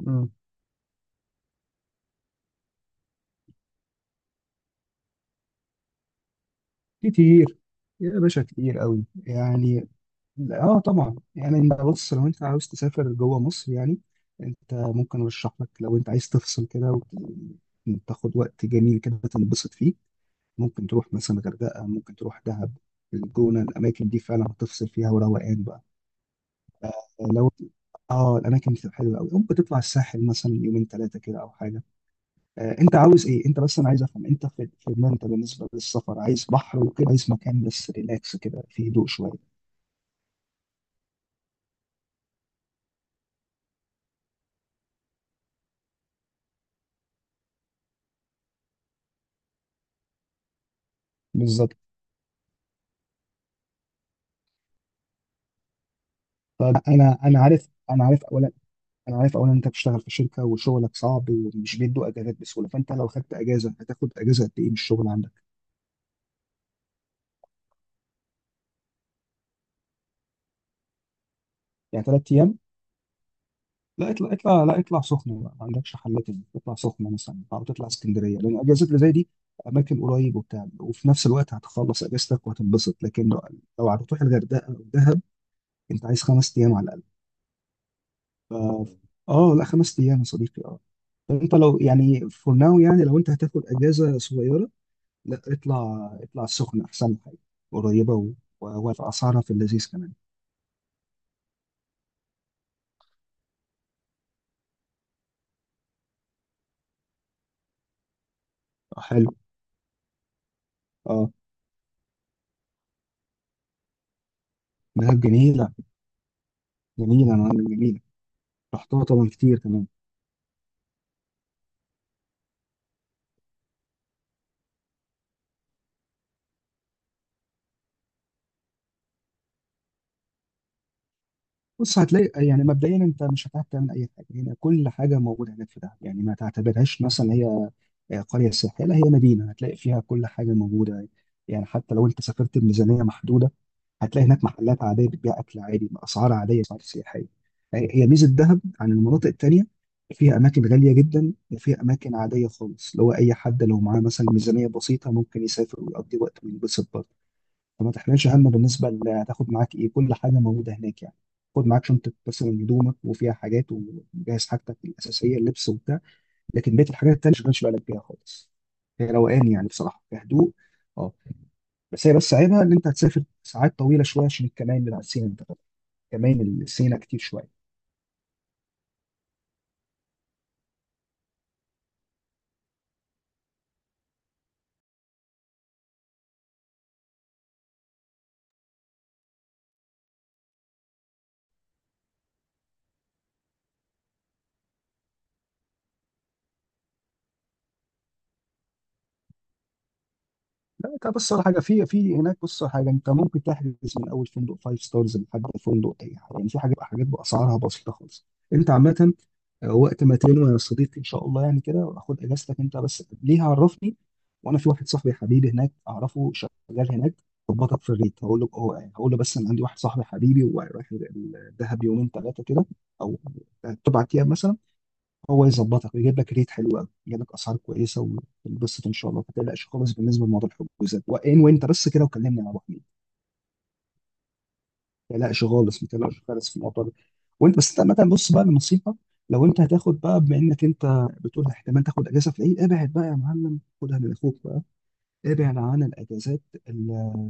مم. كتير يا باشا، كتير قوي يعني. اه، طبعا يعني، انت بص، لو انت عاوز تسافر جوه مصر يعني انت ممكن ارشح لك. لو انت عايز تفصل كده وتاخد وقت جميل كده تنبسط فيه، ممكن تروح مثلا غردقه، ممكن تروح دهب، الجونه. الاماكن دي فعلا هتفصل فيها وروقان بقى. لو اه الاماكن دي بتبقى حلوه قوي، ممكن تطلع الساحل مثلا يومين ثلاثه كده او حاجه. انت عاوز ايه انت؟ بس انا عايز افهم انت، في دماغك انت بالنسبه للسفر، عايز بحر وكده، عايز مكان بس ريلاكس كده فيه هدوء شويه؟ بالظبط. طب انا عارف، انا عارف اولا انت بتشتغل في شركه وشغلك صعب ومش بيدوا اجازات بسهوله، فانت لو خدت اجازه هتاخد اجازه قد ايه من الشغل عندك؟ يعني ثلاث ايام. لا، اطلع اطلع لا اطلع سخنه بقى، ما عندكش حل تاني، اطلع سخنه مثلا او تطلع اسكندريه، لان الاجازات اللي زي دي اماكن قريب وبتاع، وفي نفس الوقت هتخلص اجازتك وهتنبسط. لكن لو هتروح الغردقه او دهب انت عايز خمس ايام على اه. لا، خمس ايام يا صديقي. اه. طب انت لو يعني فور ناو، يعني لو انت هتاخد اجازه صغيره، لا اطلع السخنه احسن حاجه، قريبه واسعارها في اللذيذ كمان. حلو. اه، دهب جميله، جميله انا جميله. رحتها طبعا كتير كمان. بص، هتلاقي يعني مبدئيا انت مش هتعرف تعمل اي حاجه هنا، كل حاجه موجوده هناك في دهب يعني. ما تعتبرهاش مثلا هي قريه سياحيه، لا، هي مدينه هتلاقي فيها كل حاجه موجوده. يعني حتى لو انت سافرت بميزانيه محدوده هتلاقي هناك محلات عاديه بتبيع اكل عادي باسعار عاديه، اسعار سياحيه. هي ميزه دهب عن المناطق التانيه، فيها اماكن غاليه جدا وفيها اماكن عاديه خالص، اللي هو اي حد لو معاه مثلا ميزانيه بسيطه ممكن يسافر ويقضي وقت وينبسط برضه. فما تحملش هم بالنسبه هتاخد معاك ايه، كل حاجه موجوده هناك يعني. خد معاك شنطه مثلا هدومك وفيها حاجات، وجهز حاجتك الاساسيه، اللبس وبتاع. لكن بقيه الحاجات التانيه ما تشغلش بالك بيها خالص، هي روقان يعني بصراحه، في هدوء. اه. بس هي، بس عيبها ان انت هتسافر ساعات طويله شويه عشان الكمائن بتاع سينا، انت فاهم؟ كمائن السينا كتير شويه. لا، انت بص على حاجه، في هناك، بص على حاجه، انت ممكن تحجز من اول فندق فايف ستارز لحد فندق اي حاجه يعني، في حاجات باسعارها بسيطه خالص. انت عامه، وقت ما تنوي يا صديقي ان شاء الله يعني كده، خد اجازتك انت بس، ليه؟ عرفني. وانا في واحد صاحبي حبيبي هناك، اعرفه شغال هناك، ظبطك في الريت. هقول له هقول له بس انا عندي واحد صاحبي حبيبي ورايح الدهب يومين ثلاثه كده او اربع ايام مثلا، هو يظبطك ويجيب لك ريت حلو قوي، يجيب لك اسعار كويسه، وتنبسط ان شاء الله. ما تقلقش خالص بالنسبه لموضوع الحجوزات، وانت بس كده وكلمني يا ابو حميد. ما تقلقش خالص، ما تقلقش خالص في الموضوع ده. وانت بس، انت عامه بص بقى لنصيحه، لو انت هتاخد بقى، بما انك انت بتقول احتمال تاخد اجازه في العيد، ابعد بقى يا معلم، خدها من اخوك بقى، ابعد عن الاجازات، ال-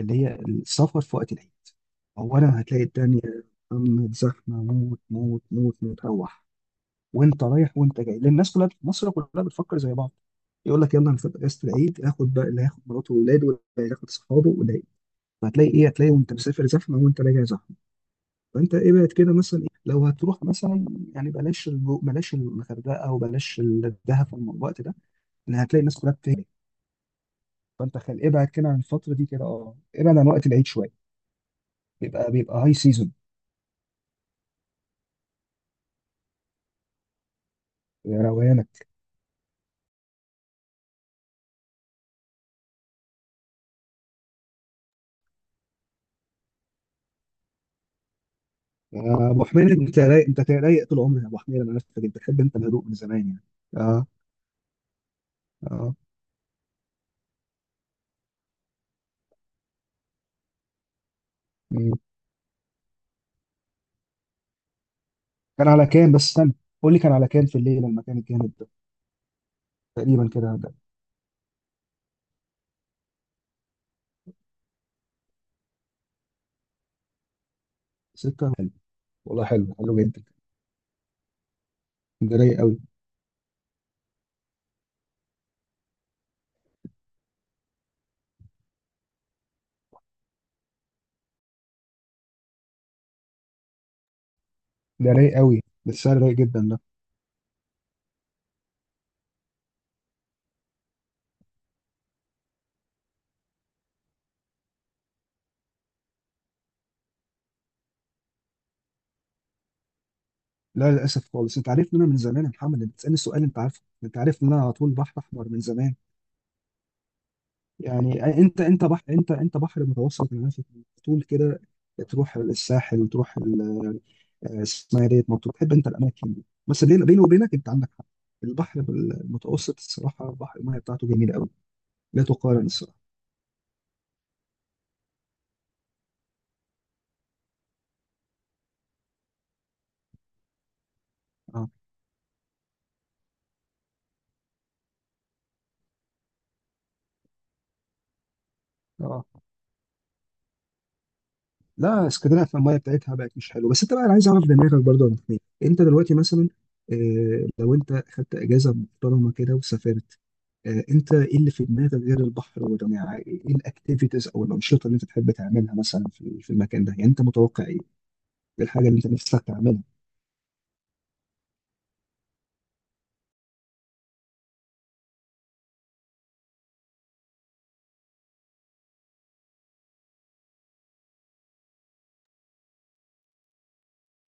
اللي هي السفر في وقت العيد. اولا هتلاقي الدنيا يا محمد زحمه موت موت موت موت، روح وانت رايح وانت جاي، لان الناس كلها، مصر كلها بتفكر زي بعض. يقول لك يلا انا في اجازه العيد هاخد بقى، اللي هياخد مراته واولاده واللي هياخد اصحابه وده. فهتلاقي ايه؟ هتلاقي وانت مسافر زحمه وانت راجع زحمه. فانت ابعد كده مثلا. إيه؟ لو هتروح مثلا، يعني بلاش الجو، بلاش الغردقه وبلاش الدهب في الوقت ده، لان هتلاقي الناس كلها بتهلك. فانت خل ابعد كده عن الفتره دي كده، اه، ابعد عن وقت العيد شويه، بيبقى هاي سيزون. يا روانك يا ابو حميد، انت رايق، انت رايق طول عمرك يا ابو حميد، انا عرفتك، انت بتحب انت الهدوء من زمان يعني. اه. اه. مم. كان على كام بس؟ استنى، قول لي كان على كام في الليل المكان الجامد ده؟ تقريبا كده ده. ستة؟ حلو، والله حلو، حلو جدا. ده رايق قوي، ده رايق قوي، ده السعر رايق جدا ده. لا للاسف خالص، انت عارف ان انا من زمان يا محمد، انت بتسالني السؤال انت عارفه، انت عارف ان انا على طول بحر احمر من زمان. يعني انت بحر، انت بحر متوسط، انا عارف إنك على طول كده تروح الساحل، تروح اسمها إيه، ديت مطروح، تحب انت الاماكن دي، بس بيني وبينك انت عندك حق، البحر المتوسط الصراحه، البحر الميه بتاعته جميله قوي، لا تقارن. اه. اه. لا، اسكندريه في الميه بتاعتها بقت مش حلوه. بس انت بقى، انا عايز اعرف دماغك برضه يا أبو حميد، انت دلوقتي مثلا آه لو انت خدت اجازه محترمه كده وسافرت، آه انت ايه اللي في دماغك غير البحر والرماية؟ ايه الاكتيفيتيز او الانشطه اللي انت تحب تعملها مثلا في المكان ده يعني؟ انت متوقع ايه؟ إيه الحاجه اللي انت نفسك تعملها؟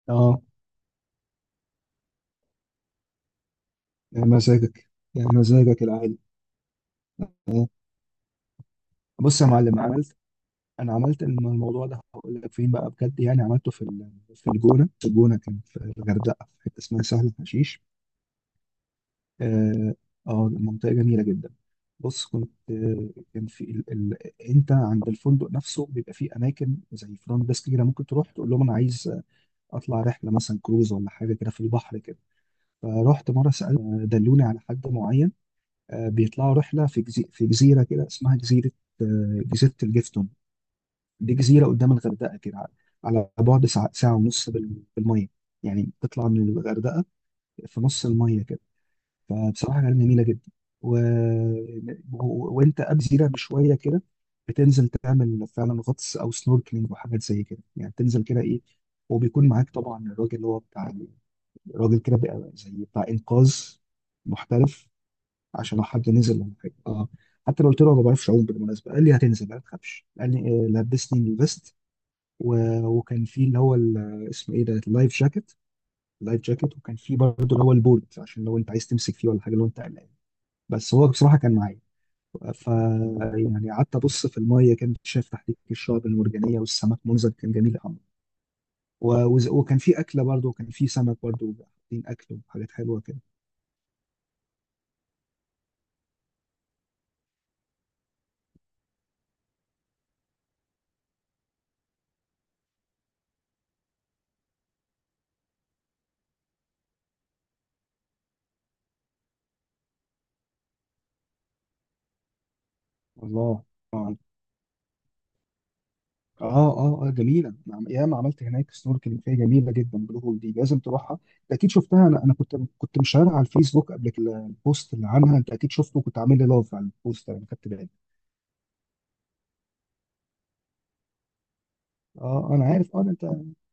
اه، يا مزاجك، يا مزاجك العالي. آه. بص يا معلم، عملت، انا عملت الموضوع ده هقول لك فين بقى بجد يعني، عملته في الجونه، في الجونه، كان في الغردقه في حته اسمها سهل حشيش. اه منطقه جميله جدا. بص كنت كان في ال... ال... انت عند الفندق نفسه بيبقى فيه اماكن زي فرونت ديسك كده، ممكن تروح تقول لهم انا عايز اطلع رحله مثلا كروز ولا حاجه كده في البحر كده. فرحت مره سالت، دلوني على حد معين، بيطلعوا رحله في جزيره كده اسمها جزيره، جزيره الجفتون. دي جزيرة قدام الغردقة كده، على بعد ساعة، ساعة ونص بالمية، يعني تطلع من الغردقة في نص المية كده. فبصراحة كانت جميلة جدا. و... وانت قبل جزيرة بشوية كده بتنزل تعمل فعلا غطس او سنوركلينج وحاجات زي كده، يعني تنزل كده، ايه، وبيكون معاك طبعا الراجل اللي هو بتاع، الراجل كده بقى زي بتاع انقاذ محترف عشان لو حد نزل ولا حاجه. اه، حتى لو قلت له أنا ما بعرفش اعوم، بالمناسبه قال لي هتنزل ما تخافش، قال لي لبسني الفيست، وكان في اللي هو اسمه ايه ده، اللايف جاكيت. اللايف جاكيت، وكان في برضه اللي هو البولت عشان لو انت عايز تمسك فيه ولا حاجه لو انت قلقان، بس هو بصراحه كان معايا. ف يعني قعدت ابص في الميه، كان شايف تحت الشعب المرجانيه والسمك، منظر كان جميل قوي. وكان في اكله برضه وكان في سمك برضه، حاطين اكل وحاجات حلوه كده. الله. اه اه اه جميله، نعم، ياما عملت هناك سنوركلينج فيها، جميله جدا بالهول دي، لازم تروحها. انت اكيد شفتها، انا كنت مشاهدها على الفيسبوك قبل كده، البوست اللي عنها انت اكيد شفته، كنت عامل لي لايف على البوست، انا خدت بالي. اه انا عارف، اه ده انت.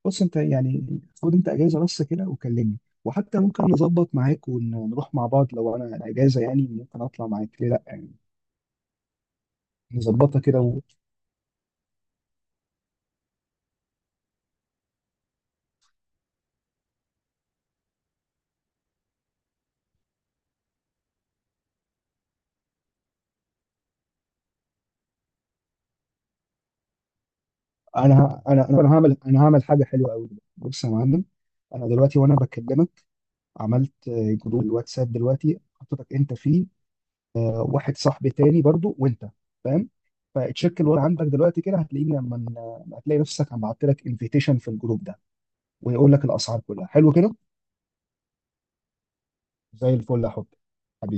بص، انت يعني خد انت اجازه بس كده وكلمني، وحتى ممكن نظبط معاك ونروح مع بعض، لو انا اجازه يعني ممكن اطلع معاك، ليه لا يعني؟ نظبطها كده، وانا، انا هعمل حاجه حلوه قوي. بص يا معلم، انا دلوقتي وانا بكلمك عملت جروب الواتساب دلوقتي، حطيتك انت فيه، واحد صاحبي تاني برضو وانت، فاهم؟ فتشيك الوضع عندك دلوقتي كده، هتلاقيني لما هتلاقي نفسك عم بعت لك انفيتيشن في الجروب ده، ويقول لك الاسعار كلها حلو كده. زي الفل يا حب، حبيبي.